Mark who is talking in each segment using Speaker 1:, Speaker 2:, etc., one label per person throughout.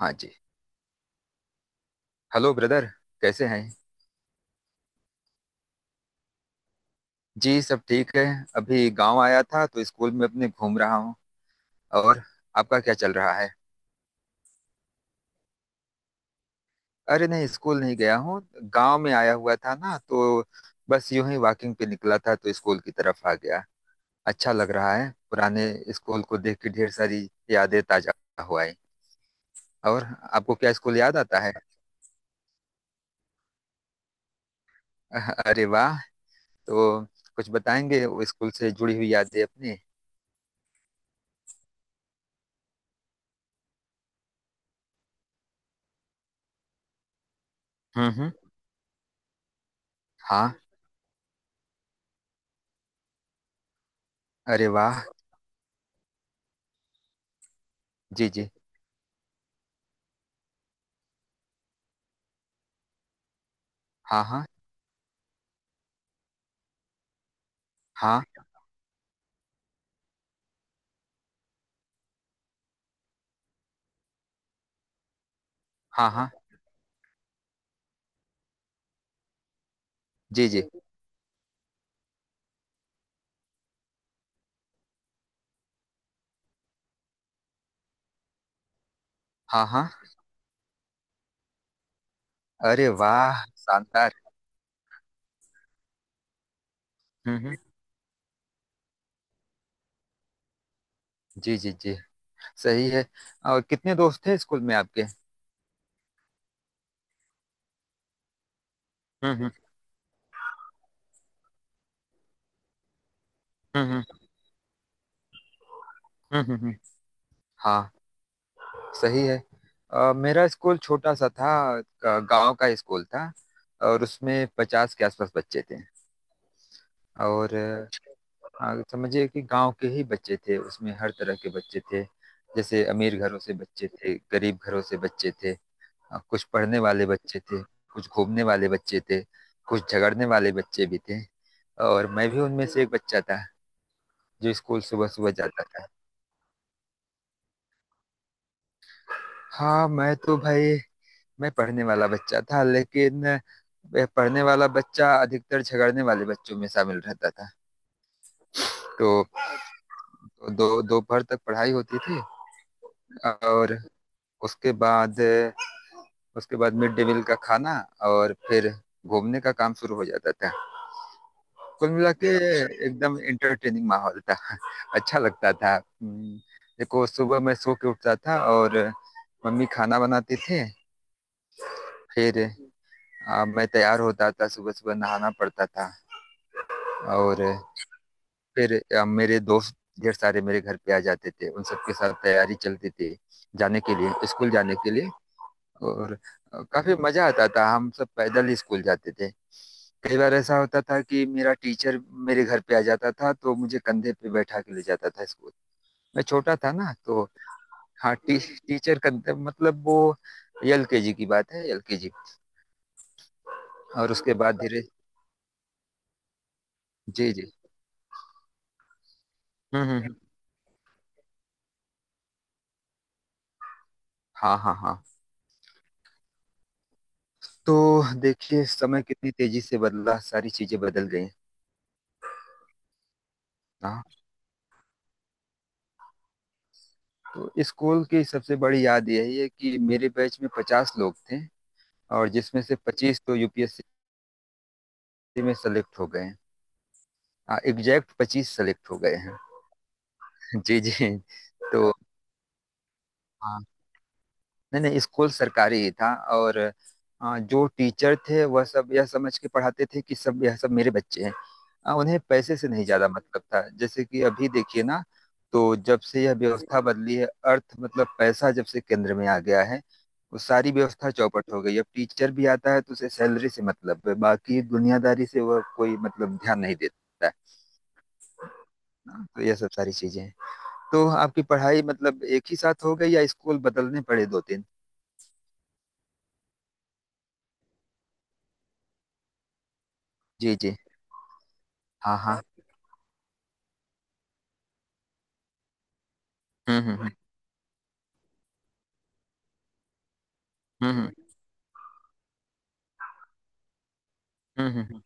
Speaker 1: हाँ जी। Hello brother. कैसे हैं? जी, सब ठीक है। अभी गांव आया था तो स्कूल में अपने घूम रहा हूँ। और आपका क्या चल रहा है? अरे नहीं, स्कूल नहीं गया हूँ। गांव में आया हुआ था ना तो बस यूं ही वॉकिंग पे निकला था तो स्कूल की तरफ आ गया। अच्छा लग रहा है पुराने स्कूल को देख के। ढेर सारी यादें ताजा हो आई। और आपको क्या स्कूल याद आता है? अरे वाह। तो कुछ बताएंगे वो स्कूल से जुड़ी हुई यादें अपनी? हम्म, हम्म। हाँ। अरे वाह। जी, जी। हाँ हाँ, हाँ। हाँ। हाँ, जी, जी। हाँ, हाँ। अरे वाह, शानदार। हम्म, हम्म। जी, जी, जी। सही है। और कितने दोस्त थे स्कूल में आपके? हम्म, हम्म, हम्म, हम्म, हम्म, हम्म। हाँ। सही है। मेरा स्कूल छोटा सा था। गांव का स्कूल था। और उसमें 50 के आसपास बच्चे थे। और समझिए कि गांव के ही बच्चे थे, उसमें हर तरह के बच्चे थे। जैसे अमीर घरों से बच्चे थे, गरीब घरों से बच्चे थे। कुछ पढ़ने वाले बच्चे थे, कुछ घूमने वाले बच्चे थे, कुछ झगड़ने वाले बच्चे भी थे। और मैं भी उनमें से एक बच्चा था जो स्कूल सुबह सुबह जाता था। हाँ, मैं तो भाई, मैं पढ़ने वाला बच्चा था, लेकिन वह पढ़ने वाला बच्चा अधिकतर झगड़ने वाले बच्चों में शामिल रहता था। तो दो दोपहर तक पढ़ाई होती थी और उसके बाद उसके बाद मिड डे मील का खाना और फिर घूमने का काम शुरू हो जाता था। कुल मिला के एकदम इंटरटेनिंग माहौल था, अच्छा लगता था। देखो, सुबह मैं सो के उठता था और मम्मी खाना बनाती थी। फिर मैं तैयार होता था, सुबह सुबह नहाना पड़ता था। और फिर मेरे दोस्त ढेर सारे मेरे घर पे आ जाते थे, उन सबके साथ तैयारी चलती थी जाने के लिए स्कूल जाने के लिए। और काफी मजा आता था, हम सब पैदल ही स्कूल जाते थे। कई बार ऐसा होता था कि मेरा टीचर मेरे घर पे आ जाता था तो मुझे कंधे पे बैठा के ले जाता था स्कूल। मैं छोटा था ना तो। हाँ, टीचर कंधे, मतलब वो एलकेजी की बात है, एलकेजी। और उसके बाद धीरे। जी, जी। हम्म, हम्म, हाँ, हाँ, हाँ। तो देखिए, समय कितनी तेजी से बदला, सारी चीजें बदल गई। हाँ। तो स्कूल की सबसे बड़ी याद यही है कि मेरे बैच में 50 लोग थे और जिसमें से 25 तो यूपीएससी में सेलेक्ट हो गए हैं। एग्जैक्ट 25 सेलेक्ट हो गए हैं। जी, जी। तो हाँ, नहीं नहीं, स्कूल सरकारी ही था। और जो टीचर थे वह सब यह समझ के पढ़ाते थे कि सब, यह सब मेरे बच्चे हैं। उन्हें पैसे से नहीं ज्यादा मतलब था, जैसे कि अभी देखिए ना, तो जब से यह व्यवस्था बदली है, अर्थ मतलब पैसा जब से केंद्र में आ गया है, वो सारी व्यवस्था चौपट हो गई। अब टीचर भी आता है तो उसे सैलरी से मतलब है, बाकी दुनियादारी से वह कोई मतलब ध्यान नहीं देता है। ना तो यह सब सारी चीजें हैं। तो आपकी पढ़ाई मतलब एक ही साथ हो गई या स्कूल बदलने पड़े दो तीन? जी, जी। हाँ, हाँ। हम्म, हम्म, हम्म, हम्म, हम्म, हम्म।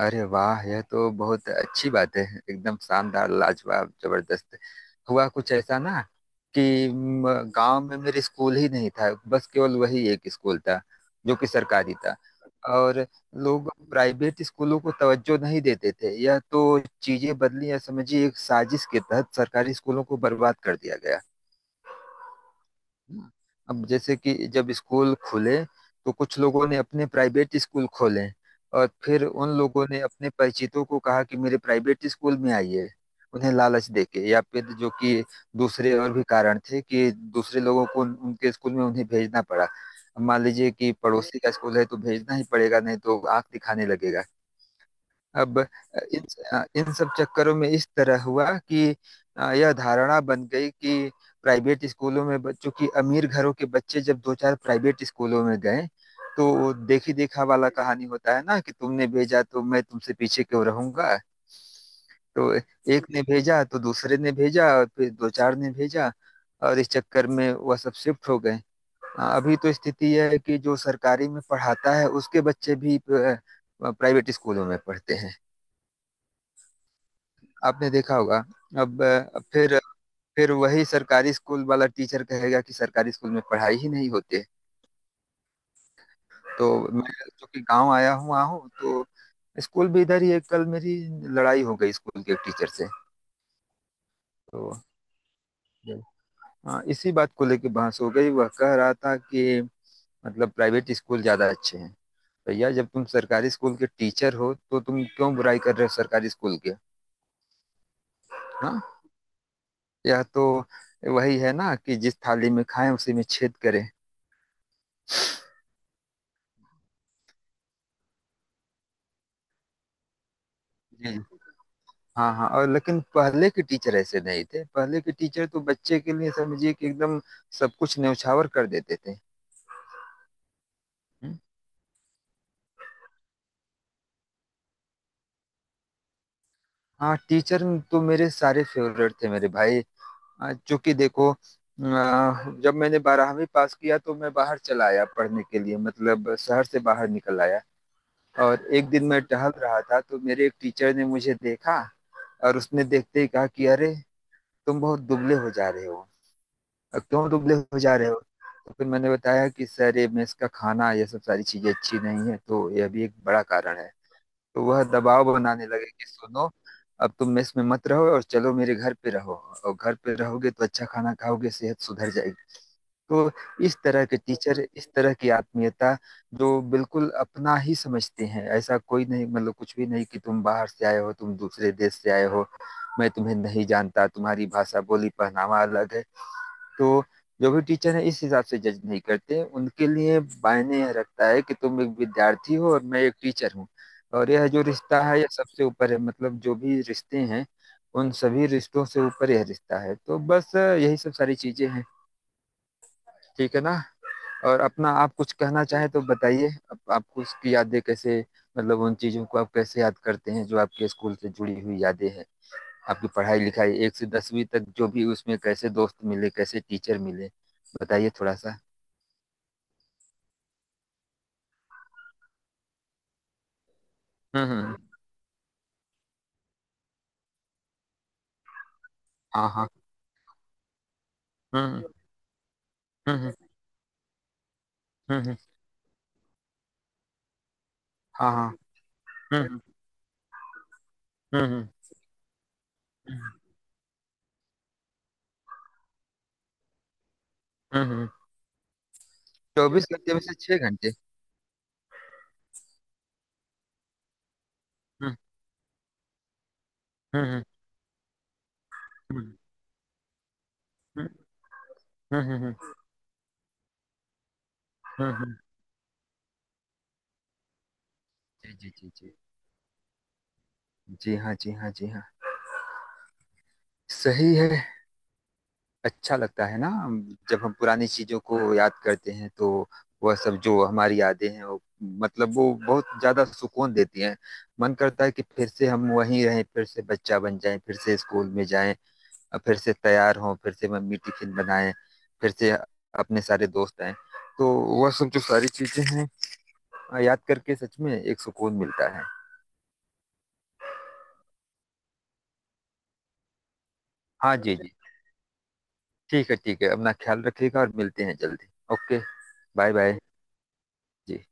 Speaker 1: अरे वाह, यह तो बहुत अच्छी बात है, एकदम शानदार, लाजवाब, जबरदस्त। हुआ कुछ ऐसा ना कि गांव में मेरे स्कूल ही नहीं था, बस केवल वही एक स्कूल था जो कि सरकारी था। और लोग प्राइवेट स्कूलों को तवज्जो नहीं देते थे। यह तो चीजें बदली, या समझिए एक साजिश के तहत सरकारी स्कूलों को बर्बाद कर दिया गया। हाँ। अब जैसे कि जब स्कूल खुले तो कुछ लोगों ने अपने प्राइवेट स्कूल खोले और फिर उन लोगों ने अपने परिचितों को कहा कि मेरे प्राइवेट स्कूल में आइए, उन्हें लालच देके या फिर जो कि दूसरे और भी कारण थे कि दूसरे लोगों को उनके स्कूल में उन्हें भेजना पड़ा। अब मान लीजिए कि पड़ोसी का स्कूल है तो भेजना ही पड़ेगा, नहीं तो आंख दिखाने लगेगा। अब इन इन सब चक्करों में इस तरह हुआ कि यह धारणा बन गई कि प्राइवेट स्कूलों में बच्चों की, अमीर घरों के बच्चे जब दो चार प्राइवेट स्कूलों में गए तो देखी देखा वाला कहानी होता है ना कि तुमने भेजा तो मैं तुमसे पीछे क्यों रहूंगा? तो एक ने भेजा तो दूसरे ने भेजा और फिर दो चार ने भेजा, और इस चक्कर में वह सब शिफ्ट हो गए। अभी तो स्थिति यह है कि जो सरकारी में पढ़ाता है उसके बच्चे भी प्राइवेट स्कूलों में पढ़ते हैं। आपने देखा होगा। अब फिर वही सरकारी स्कूल वाला टीचर कहेगा कि सरकारी स्कूल में पढ़ाई ही नहीं होती है। तो मैं चूंकि गांव आया हूँ, वहाँ हूँ, तो स्कूल भी इधर ही है, कल मेरी लड़ाई हो गई स्कूल के टीचर से। तो हाँ, इसी बात को लेके बहस हो गई, वह कह रहा था कि मतलब प्राइवेट स्कूल ज्यादा अच्छे हैं। भैया, जब तुम सरकारी स्कूल के टीचर हो तो तुम क्यों बुराई कर रहे हो सरकारी स्कूल के? हाँ, यह तो वही है ना कि जिस थाली में खाएं उसी में छेद करें। जी। हाँ, हाँ। और लेकिन पहले के टीचर ऐसे नहीं थे, पहले के टीचर तो बच्चे के लिए समझिए कि एकदम सब कुछ न्यौछावर कर देते थे। हम्म। हाँ, टीचर तो मेरे सारे फेवरेट थे मेरे भाई। चूंकि देखो जब मैंने 12वीं पास किया तो मैं बाहर चला आया पढ़ने के लिए, मतलब शहर से बाहर निकल आया। और एक दिन मैं टहल रहा था तो मेरे एक टीचर ने मुझे देखा और उसने देखते ही कहा कि अरे, तुम बहुत दुबले हो जा रहे हो, क्यों दुबले हो जा रहे हो? तो फिर मैंने बताया कि सर, ये मेस का खाना, ये सब सारी चीजें अच्छी नहीं है, तो यह भी एक बड़ा कारण है। तो वह दबाव बनाने लगे कि सुनो, अब तुम मेस में मत रहो और चलो मेरे घर पे रहो, और घर पे रहोगे तो अच्छा खाना खाओगे, सेहत सुधर जाएगी। तो इस तरह के टीचर, इस तरह की आत्मीयता, जो बिल्कुल अपना ही समझते हैं, ऐसा कोई नहीं, मतलब कुछ भी नहीं कि तुम बाहर से आए हो, तुम दूसरे देश से आए हो, मैं तुम्हें नहीं जानता, तुम्हारी भाषा, बोली, पहनावा अलग है। तो जो भी टीचर है, इस हिसाब से जज नहीं करते। उनके लिए मायने यह रखता है कि तुम एक विद्यार्थी हो और मैं एक टीचर हूँ। और यह जो रिश्ता है, यह सबसे ऊपर है, मतलब जो भी रिश्ते हैं, उन सभी रिश्तों से ऊपर यह रिश्ता है। तो बस यही सब सारी चीजें हैं, ठीक है ना? और अपना आप कुछ कहना चाहें तो बताइए, आपको उसकी यादें कैसे, मतलब उन चीजों को आप कैसे याद करते हैं जो आपके स्कूल से जुड़ी हुई यादें हैं? आपकी पढ़ाई लिखाई एक से 10वीं तक, जो भी उसमें कैसे दोस्त मिले, कैसे टीचर मिले, बताइए थोड़ा सा। हुँ, हुँ। हाँ, हाँ। हुँ, हुँ, हुँ, हुँ, हुँ, हुँ। हाँ, हाँ। हुँ, हुँ, हुँ, हुँ, हुँ, हुँ, हुँ। 24 घंटे में से 6 घंटे। हुँ, हुँ, हुँ, हुँ, हुँ, हुँ, हुँ, हुँ, हुँ, हुँ। जी, जी, जी, जी। जी हाँ, जी हाँ, जी हाँ। सही है। अच्छा लगता है ना, जब हम पुरानी चीज़ों को याद करते हैं तो वह सब जो हमारी यादें हैं वो, मतलब वो बहुत ज़्यादा सुकून देती हैं। मन करता है कि फिर से हम वहीं रहें, फिर से बच्चा बन जाएँ, फिर से स्कूल में जाएँ, अब फिर से तैयार हों, फिर से मम्मी टिफिन बनाएं, फिर से अपने सारे दोस्त आए, तो वह सब जो सारी चीजें हैं, याद करके सच में एक सुकून मिलता है। हाँ, जी, जी। ठीक है, ठीक है, अपना ख्याल रखिएगा और मिलते हैं जल्दी। ओके। Bye bye. जी।